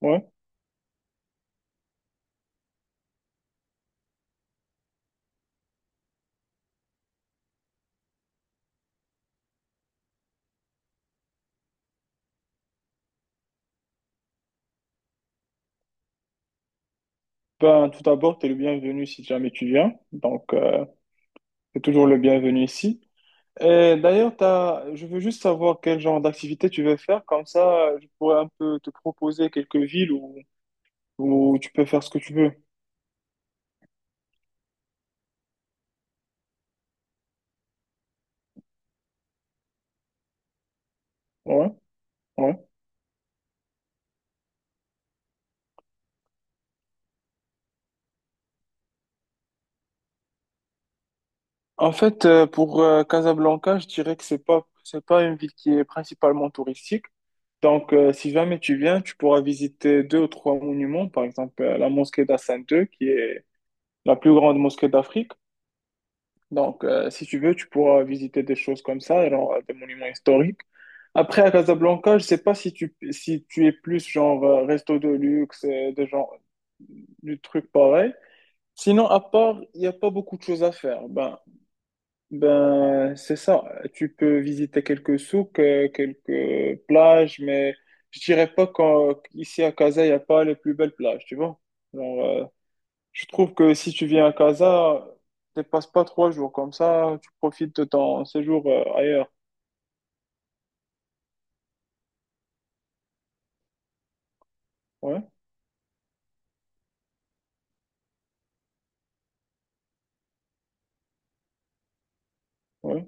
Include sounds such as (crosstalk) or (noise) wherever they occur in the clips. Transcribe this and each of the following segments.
Ouais. Ben, tout d'abord, tu es le bienvenu si jamais tu viens. Donc, tu es toujours le bienvenu ici. Et d'ailleurs, je veux juste savoir quel genre d'activité tu veux faire. Comme ça, je pourrais un peu te proposer quelques villes où tu peux faire ce que tu veux. Ouais, ouais. En fait, pour Casablanca, je dirais que c'est pas une ville qui est principalement touristique. Donc, si jamais tu viens, tu pourras visiter deux ou trois monuments. Par exemple, la mosquée d'Hassan II, qui est la plus grande mosquée d'Afrique. Donc, si tu veux, tu pourras visiter des choses comme ça, genre des monuments historiques. Après, à Casablanca, je sais pas si si tu es plus genre resto de luxe, de genre du truc pareil. Sinon, à part, il n'y a pas beaucoup de choses à faire. Ben, c'est ça. Tu peux visiter quelques souks, quelques plages, mais je dirais pas qu'ici à Casa, il n'y a pas les plus belles plages, tu vois. Genre, euh, je trouve que si tu viens à Casa, tu passes pas trois jours comme ça, tu profites de ton séjour ailleurs. Ouais, ouais.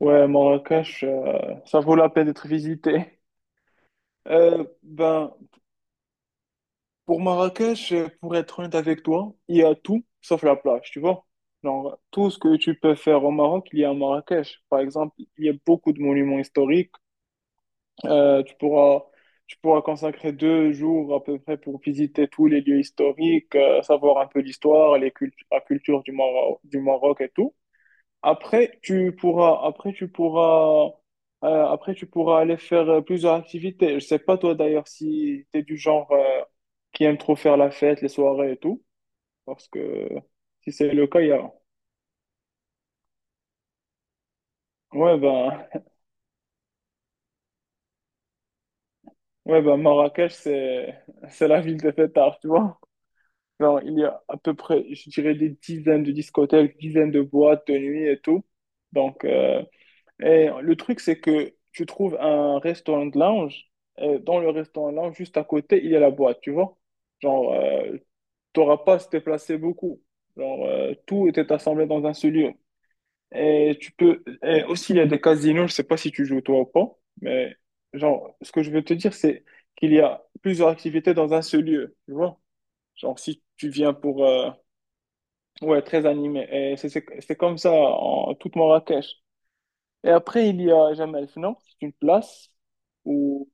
Ouais, Marrakech, ça vaut la peine d'être visité. (laughs) Euh, ben, pour Marrakech, pour être honnête avec toi, il y a tout sauf la plage, tu vois. Genre, tout ce que tu peux faire au Maroc, il y a à Marrakech. Par exemple, il y a beaucoup de monuments historiques. Euh, tu pourras, Tu pourras consacrer deux jours à peu près pour visiter tous les lieux historiques, savoir un peu l'histoire, la culture du Maroc, et tout. Après, tu pourras, après, tu pourras, après, tu pourras aller faire plusieurs activités. Je sais pas toi d'ailleurs si tu es du genre qui aime trop faire la fête, les soirées et tout, parce que si c'est le cas, il y a... Ouais, ben, ouais, ben Marrakech, c'est, (laughs) c'est la ville des fêtards, tu vois. Genre, il y a à peu près, je dirais, des dizaines de discothèques, dizaines de boîtes de nuit et tout. Donc, et le truc, c'est que tu trouves un restaurant de lounge. Et dans le restaurant de lounge, juste à côté, il y a la boîte, tu vois. Genre, euh, T'auras pas à se déplacer beaucoup. Tout était assemblé dans un seul lieu. Et tu peux. Et aussi, il y a des casinos, je sais pas si tu joues toi ou pas. Mais, genre, ce que je veux te dire, c'est qu'il y a plusieurs activités dans un seul lieu, tu vois. Genre, si tu viens pour. Ouais, très animé. Et c'est comme ça en toute Marrakech. Et après, il y a Jemaa el Fna. C'est une place où,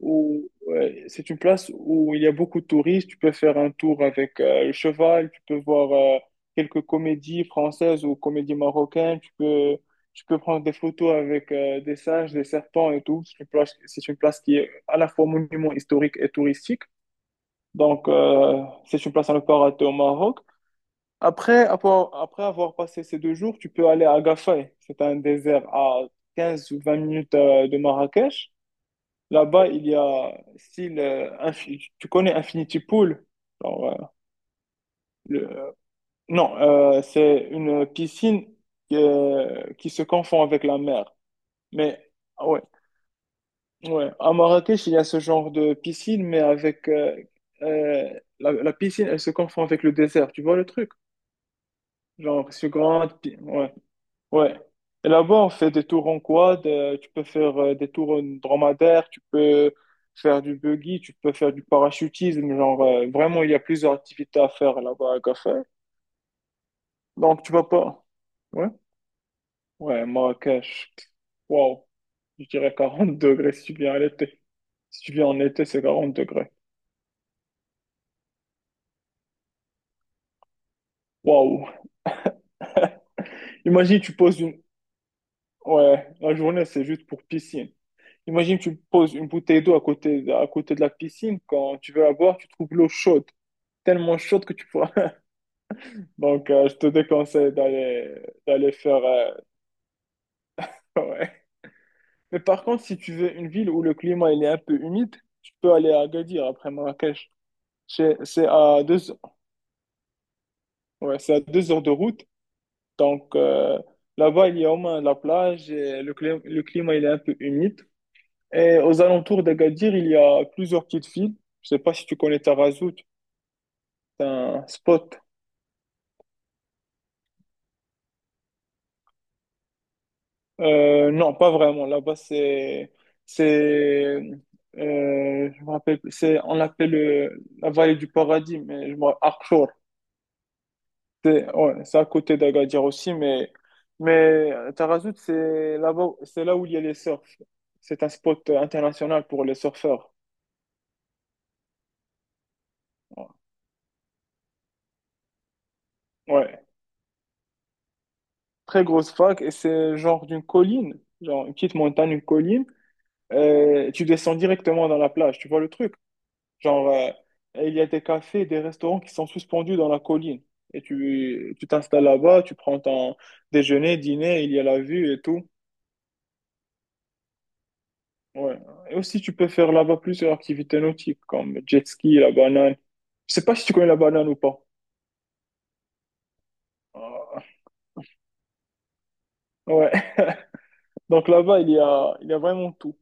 où ouais, c'est une place où il y a beaucoup de touristes. Tu peux faire un tour avec le cheval. Tu peux voir quelques comédies françaises ou comédies marocaines. Tu peux prendre des photos avec des singes, des serpents et tout. C'est une place qui est à la fois monument historique et touristique. Donc, c'est une place à ne pas rater au Maroc. Après avoir passé ces deux jours, tu peux aller à Gafay. C'est un désert à 15 ou 20 minutes de Marrakech. Là-bas, il y a style, tu connais Infinity Pool? Genre, euh, le- euh, non, c'est une piscine qui se confond avec la mer. Mais ah ouais, ouais. À Marrakech, il y a ce genre de piscine, mais avec euh, la piscine, elle se confond avec le désert. Tu vois le truc? Genre, c'est grand. Ouais. Ouais. Et là-bas, on fait des tours en quad, tu peux faire des tours en dromadaire, tu peux faire du buggy, tu peux faire du parachutisme. Vraiment, il y a plusieurs activités à faire là-bas à Gaffer. Donc, tu vas pas. Ouais? Ouais, Marrakech. Waouh. Je dirais 40 degrés si tu viens à l'été. Si tu viens en été, c'est 40 degrés. Waouh. Imagine, tu poses une. Ouais, la journée, c'est juste pour piscine. Imagine, tu poses une bouteille d'eau à côté de la piscine. Quand tu veux la boire, tu trouves l'eau chaude. Tellement chaude que tu pourras. (laughs) Donc, je te déconseille d'aller faire. (laughs) Ouais. Mais par contre, si tu veux une ville où le climat il est un peu humide, tu peux aller à Agadir après Marrakech. C'est c'est à deux, ouais, c'est à deux heures de route. Donc, là-bas, il y a au moins la plage et le climat il est un peu humide. Et aux alentours d'Agadir, il y a plusieurs petites villes. Je sais pas si tu connais Tarazout, c'est un spot. Non, pas vraiment. C'est, euh, je me rappelle plus. C'est, on l'appelle la vallée du paradis, mais je me Archour. C'est, ouais, c'est à côté d'Agadir aussi, mais Tarazout, c'est là-bas, c'est là où il y a les surfs. C'est un spot international pour les surfeurs. Ouais, Ouais. Très grosse fac et c'est genre d'une colline, genre une petite montagne, une colline. Tu descends directement dans la plage, tu vois le truc? Genre, euh, il y a des cafés, des restaurants qui sont suspendus dans la colline. Et tu t'installes là-bas, tu prends ton déjeuner, dîner, il y a la vue et tout. Ouais. Et aussi, tu peux faire là-bas plusieurs activités nautiques, comme jet ski, la banane. Je sais pas si tu connais la banane ou pas. Ah, ouais. (laughs) Donc là-bas, il y a vraiment tout.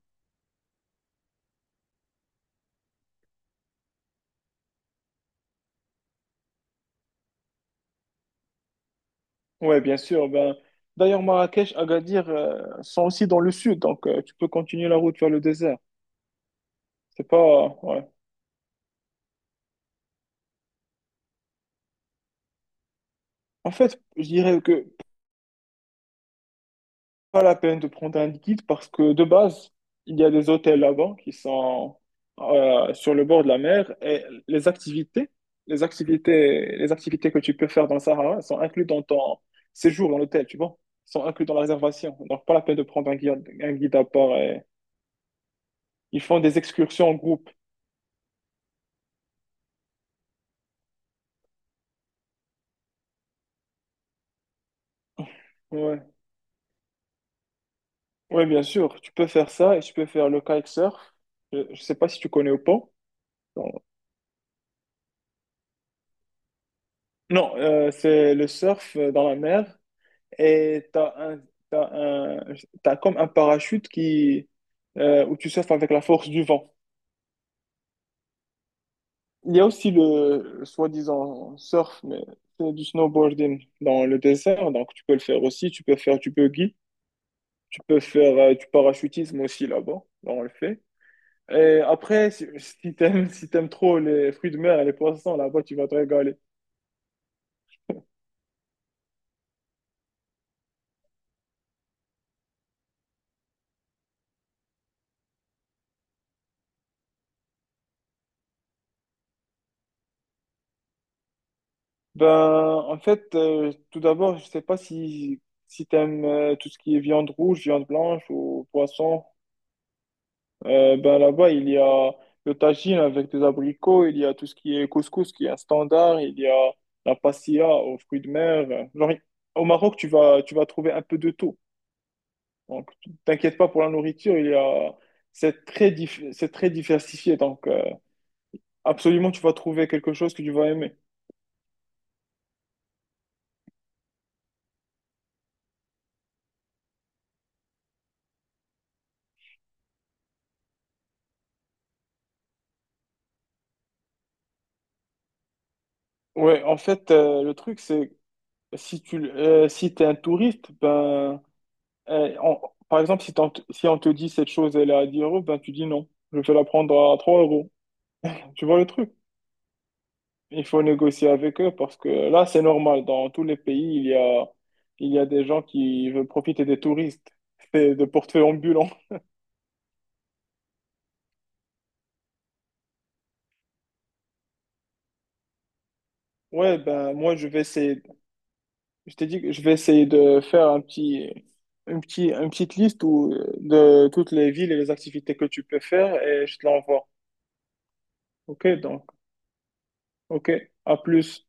Ouais, bien sûr. Ben, d'ailleurs, Marrakech, Agadir, sont aussi dans le sud, donc tu peux continuer la route vers le désert. C'est pas, Ouais. En fait, je dirais que pas la peine de prendre un liquide parce que de base, il y a des hôtels là-bas qui sont sur le bord de la mer et les activités que tu peux faire dans le Sahara elles sont incluses dans ton séjour dans l'hôtel, tu vois. Elles sont incluses dans la réservation. Donc pas la peine de prendre un guide à part. Et ils font des excursions en groupe. Ouais. Ouais, bien sûr, tu peux faire ça et tu peux faire le kitesurf. Je sais pas si tu connais ou pas. Non, non, C'est le surf dans la mer. Et t'as un- t'as comme un parachute où tu surfes avec la force du vent. Il y a aussi le soi-disant surf, mais c'est du snowboarding dans le désert, donc tu peux le faire aussi, tu peux faire du buggy, tu peux faire du parachutisme aussi là-bas, là on le fait. Et après, si t'aimes, si t'aimes trop les fruits de mer et les poissons, là-bas, tu vas te régaler. (laughs) Ben, en fait, tout d'abord, je sais pas si, si t'aimes tout ce qui est viande rouge, viande blanche ou poisson. Ben là-bas, il y a le tagine avec des abricots, il y a tout ce qui est couscous qui est un standard, il y a la pastilla aux fruits de mer. Genre, au Maroc, tu vas trouver un peu de tout. Donc, t'inquiète pas pour la nourriture, c'est très, c'est très diversifié. Donc, absolument, tu vas trouver quelque chose que tu vas aimer. Ouais, en fait, le truc, c'est si si t'es un touriste, ben, euh, on- par exemple, si on te dit cette chose, elle est à 10 euros, ben tu dis non, je vais la prendre à 3 euros. Tu vois le truc? Il faut négocier avec eux parce que là, c'est normal. Dans tous les pays, il y a des gens qui veulent profiter des touristes. C'est de portefeuille ambulant. (laughs) Ouais, ben moi, je vais essayer, je t'ai dit que je vais essayer de faire une petite liste de toutes les villes et les activités que tu peux faire et je te l'envoie. Ok, donc. Ok, à plus.